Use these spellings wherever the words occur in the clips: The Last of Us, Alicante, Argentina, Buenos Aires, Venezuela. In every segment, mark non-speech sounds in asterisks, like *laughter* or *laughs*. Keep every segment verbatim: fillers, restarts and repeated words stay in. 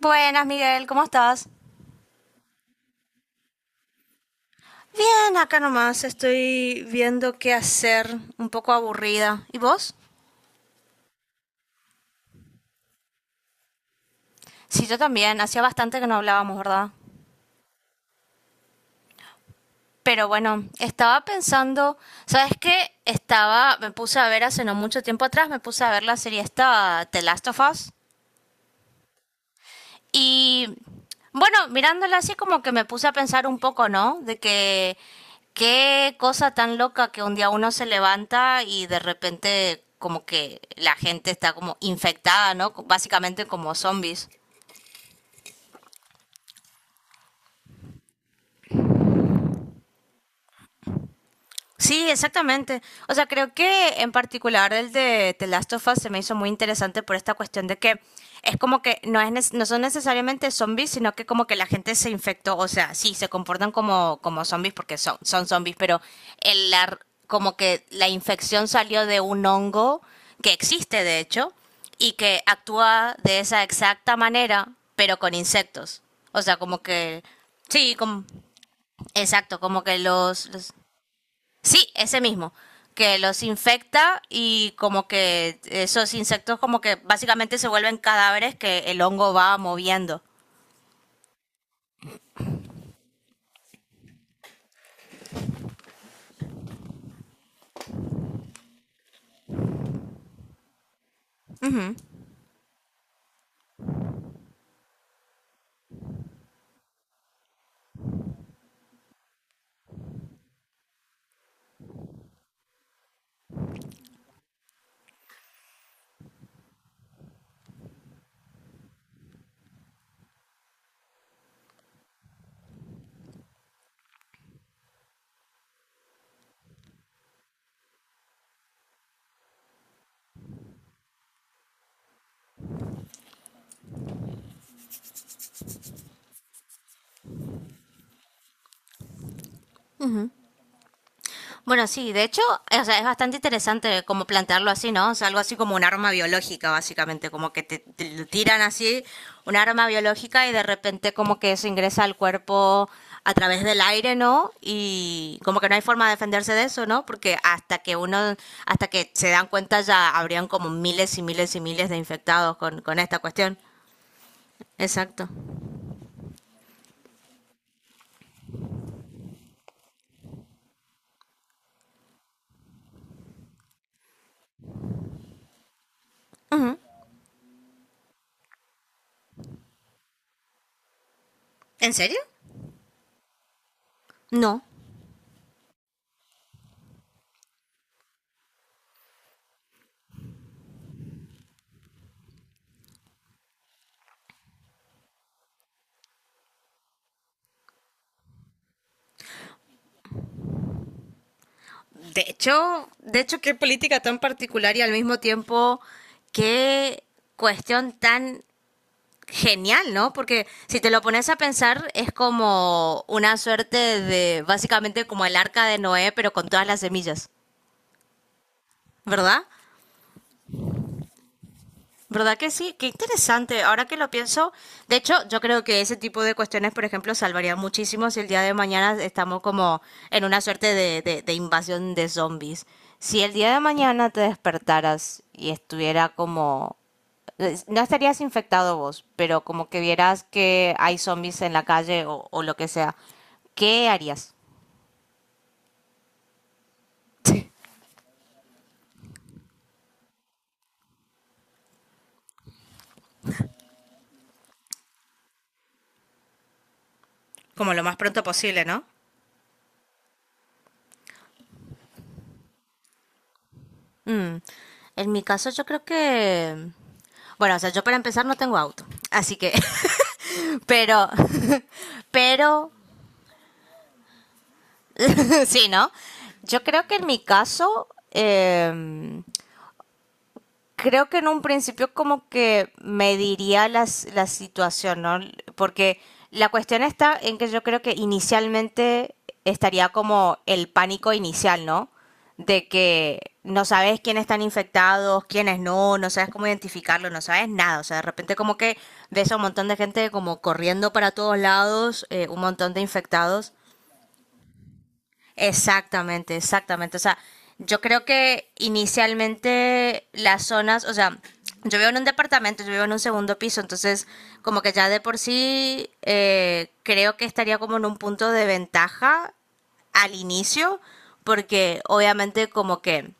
Buenas, Miguel, ¿cómo estás? Bien, acá nomás estoy viendo qué hacer, un poco aburrida. ¿Y vos? Sí, yo también, hacía bastante que no hablábamos, ¿verdad? Pero bueno, estaba pensando, ¿sabes qué? Estaba, me puse a ver hace no mucho tiempo atrás, me puse a ver la serie esta, The Last of Us. Y bueno, mirándola así como que me puse a pensar un poco, ¿no? De que qué cosa tan loca que un día uno se levanta y de repente como que la gente está como infectada, ¿no? Básicamente como zombies. Sí, exactamente. O sea, creo que en particular el de The Last of Us se me hizo muy interesante por esta cuestión de que es como que no, es, nes- no son necesariamente zombies, sino que como que la gente se infectó. O sea, sí, se comportan como, como zombies porque son, son zombies, pero el, la r- como que la infección salió de un hongo que existe, de hecho, y que actúa de esa exacta manera, pero con insectos. O sea, como que... Sí, como, exacto, como que los, los- Sí, ese mismo, que los infecta y como que esos insectos como que básicamente se vuelven cadáveres que el hongo va moviendo. Bueno, sí, de hecho, o sea, es bastante interesante como plantearlo así, ¿no? O sea, algo así como un arma biológica, básicamente, como que te, te lo tiran así un arma biológica y de repente como que se ingresa al cuerpo a través del aire, ¿no? Y como que no hay forma de defenderse de eso, ¿no? Porque hasta que uno, hasta que se dan cuenta ya habrían como miles y miles y miles de infectados con, con esta cuestión. Exacto. ¿En serio? No, de hecho, de hecho, qué política tan particular y al mismo tiempo qué cuestión tan genial, ¿no? Porque si te lo pones a pensar es como una suerte de básicamente como el arca de Noé, pero con todas las semillas, ¿verdad? ¿Verdad que sí? Qué interesante. Ahora que lo pienso, de hecho, yo creo que ese tipo de cuestiones, por ejemplo, salvaría muchísimo si el día de mañana estamos como en una suerte de, de- de invasión de zombies. Si el día de mañana te despertaras y estuviera como... No estarías infectado vos, pero como que vieras que hay zombies en la calle o, o lo que sea, ¿qué harías? Como lo más pronto posible, ¿no? En mi caso, yo creo que... Bueno, o sea, yo para empezar no tengo auto, así que... *laughs* Pero Pero, *laughs* sí, ¿no? Yo creo que en mi caso, eh, creo que en un principio como que mediría las, la situación, ¿no? Porque la cuestión está en que yo creo que inicialmente estaría como el pánico inicial, ¿no? De que no sabes quiénes están infectados, quiénes no, no sabes cómo identificarlo, no sabes nada. O sea, de repente como que ves a un montón de gente como corriendo para todos lados, eh, un montón de infectados. Exactamente, exactamente. O sea, yo creo que inicialmente las zonas, o sea, yo vivo en un departamento, yo vivo en un segundo piso, entonces como que ya de por sí eh, creo que estaría como en un punto de ventaja al inicio, porque obviamente como que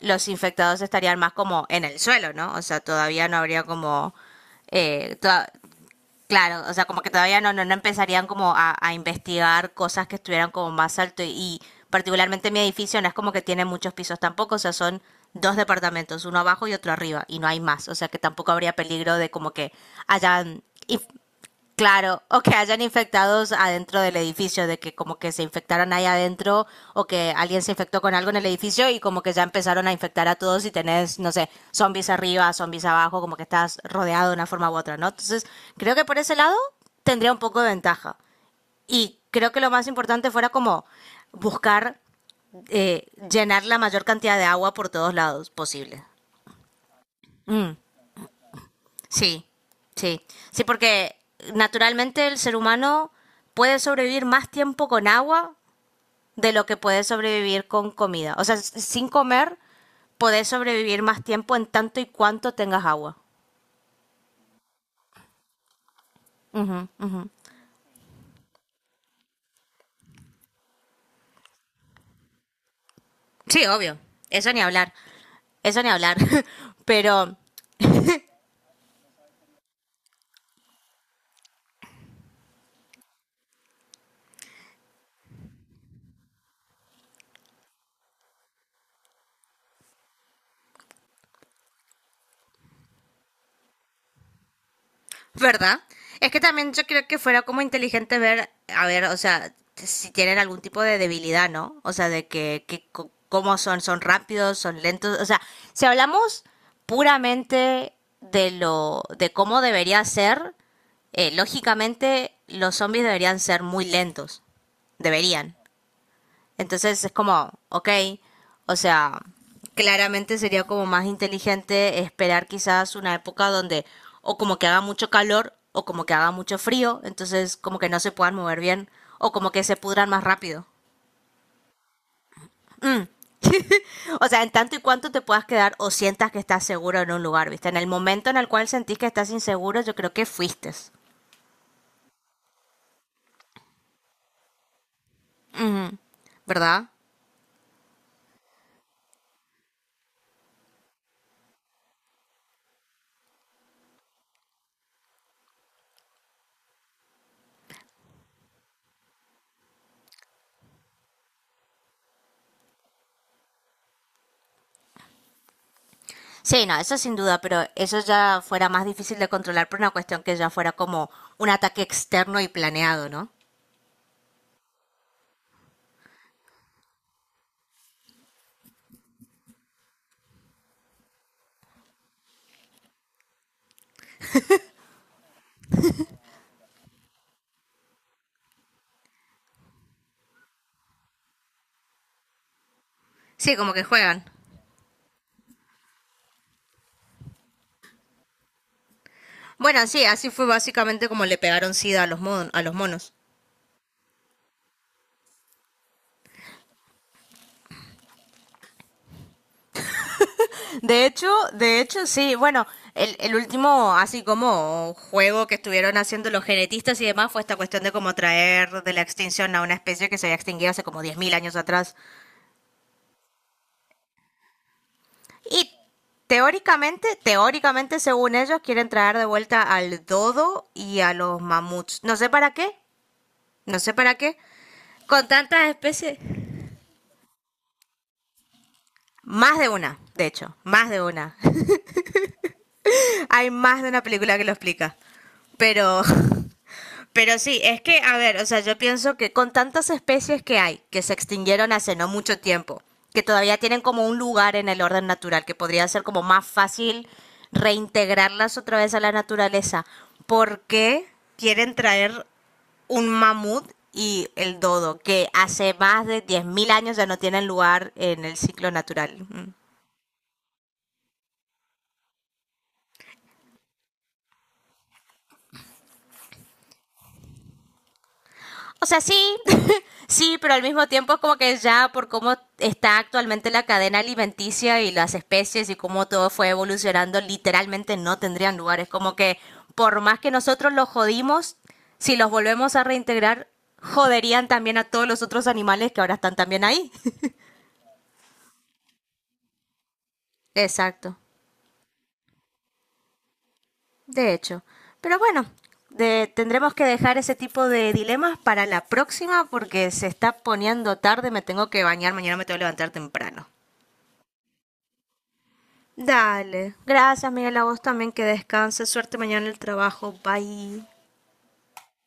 los infectados estarían más como en el suelo, ¿no? O sea, todavía no habría como... eh, toda- Claro, o sea, como que todavía no, no, no empezarían como a, a investigar cosas que estuvieran como más alto y, y particularmente mi edificio no es como que tiene muchos pisos tampoco, o sea, son dos departamentos, uno abajo y otro arriba y no hay más, o sea que tampoco habría peligro de como que hayan inf- claro, o que hayan infectados adentro del edificio, de que como que se infectaron ahí adentro o que alguien se infectó con algo en el edificio y como que ya empezaron a infectar a todos y tenés, no sé, zombies arriba, zombies abajo, como que estás rodeado de una forma u otra, ¿no? Entonces, creo que por ese lado tendría un poco de ventaja. Y creo que lo más importante fuera como buscar eh, llenar la mayor cantidad de agua por todos lados posible. Mm. Sí, sí. Sí, porque naturalmente el ser humano puede sobrevivir más tiempo con agua de lo que puede sobrevivir con comida. O sea, s- sin comer podés sobrevivir más tiempo en tanto y cuanto tengas agua. Sí, obvio. Eso ni hablar. Eso ni hablar. *laughs* Pero ¿verdad? Es que también yo creo que fuera como inteligente ver, a ver, o sea, si tienen algún tipo de debilidad, ¿no? O sea, de que, que co- cómo son, son rápidos, son lentos. O sea, si hablamos puramente de lo, de cómo debería ser, eh, lógicamente los zombies deberían ser muy lentos. Deberían. Entonces es como, ok, o sea, claramente sería como más inteligente esperar quizás una época donde o como que haga mucho calor o como que haga mucho frío, entonces como que no se puedan mover bien o como que se pudran más rápido. O sea, en tanto y cuanto te puedas quedar o sientas que estás seguro en un lugar, ¿viste? En el momento en el cual sentís que estás inseguro, yo creo que fuiste, ¿verdad? Sí, no, eso sin duda, pero eso ya fuera más difícil de controlar por una cuestión que ya fuera como un ataque externo y planeado, ¿no? Sí, como que juegan. Bueno, sí, así fue básicamente como le pegaron SIDA a los, mon- a los monos. De hecho, de hecho, sí, bueno, el, el último así como juego que estuvieron haciendo los genetistas y demás fue esta cuestión de cómo traer de la extinción a una especie que se había extinguido hace como diez mil años atrás. Y teóricamente, teóricamente, según ellos, quieren traer de vuelta al dodo y a los mamuts. No sé para qué, no sé para qué. Con tantas especies. Más de una, de hecho, más de una. Hay más de una película que lo explica. Pero, *laughs* pero sí, es que, a ver, o sea, yo pienso que con tantas especies que hay, que se extinguieron hace no mucho tiempo, que todavía tienen como un lugar en el orden natural, que podría ser como más fácil reintegrarlas otra vez a la naturaleza, ¿por qué quieren traer un mamut y el dodo, que hace más de diez mil años ya no tienen lugar en el ciclo natural? Mm. O sea, sí, *laughs* sí, pero al mismo tiempo es como que ya por cómo está actualmente la cadena alimenticia y las especies y cómo todo fue evolucionando, literalmente no tendrían lugar. Es como que por más que nosotros los jodimos, si los volvemos a reintegrar, joderían también a todos los otros animales que ahora están también ahí. *laughs* Exacto, de hecho. Pero bueno, de- tendremos que dejar ese tipo de dilemas para la próxima porque se está poniendo tarde, me tengo que bañar, mañana me tengo que levantar temprano. Dale. Gracias, Miguel. A vos también que descanses. Suerte mañana en el trabajo. Bye.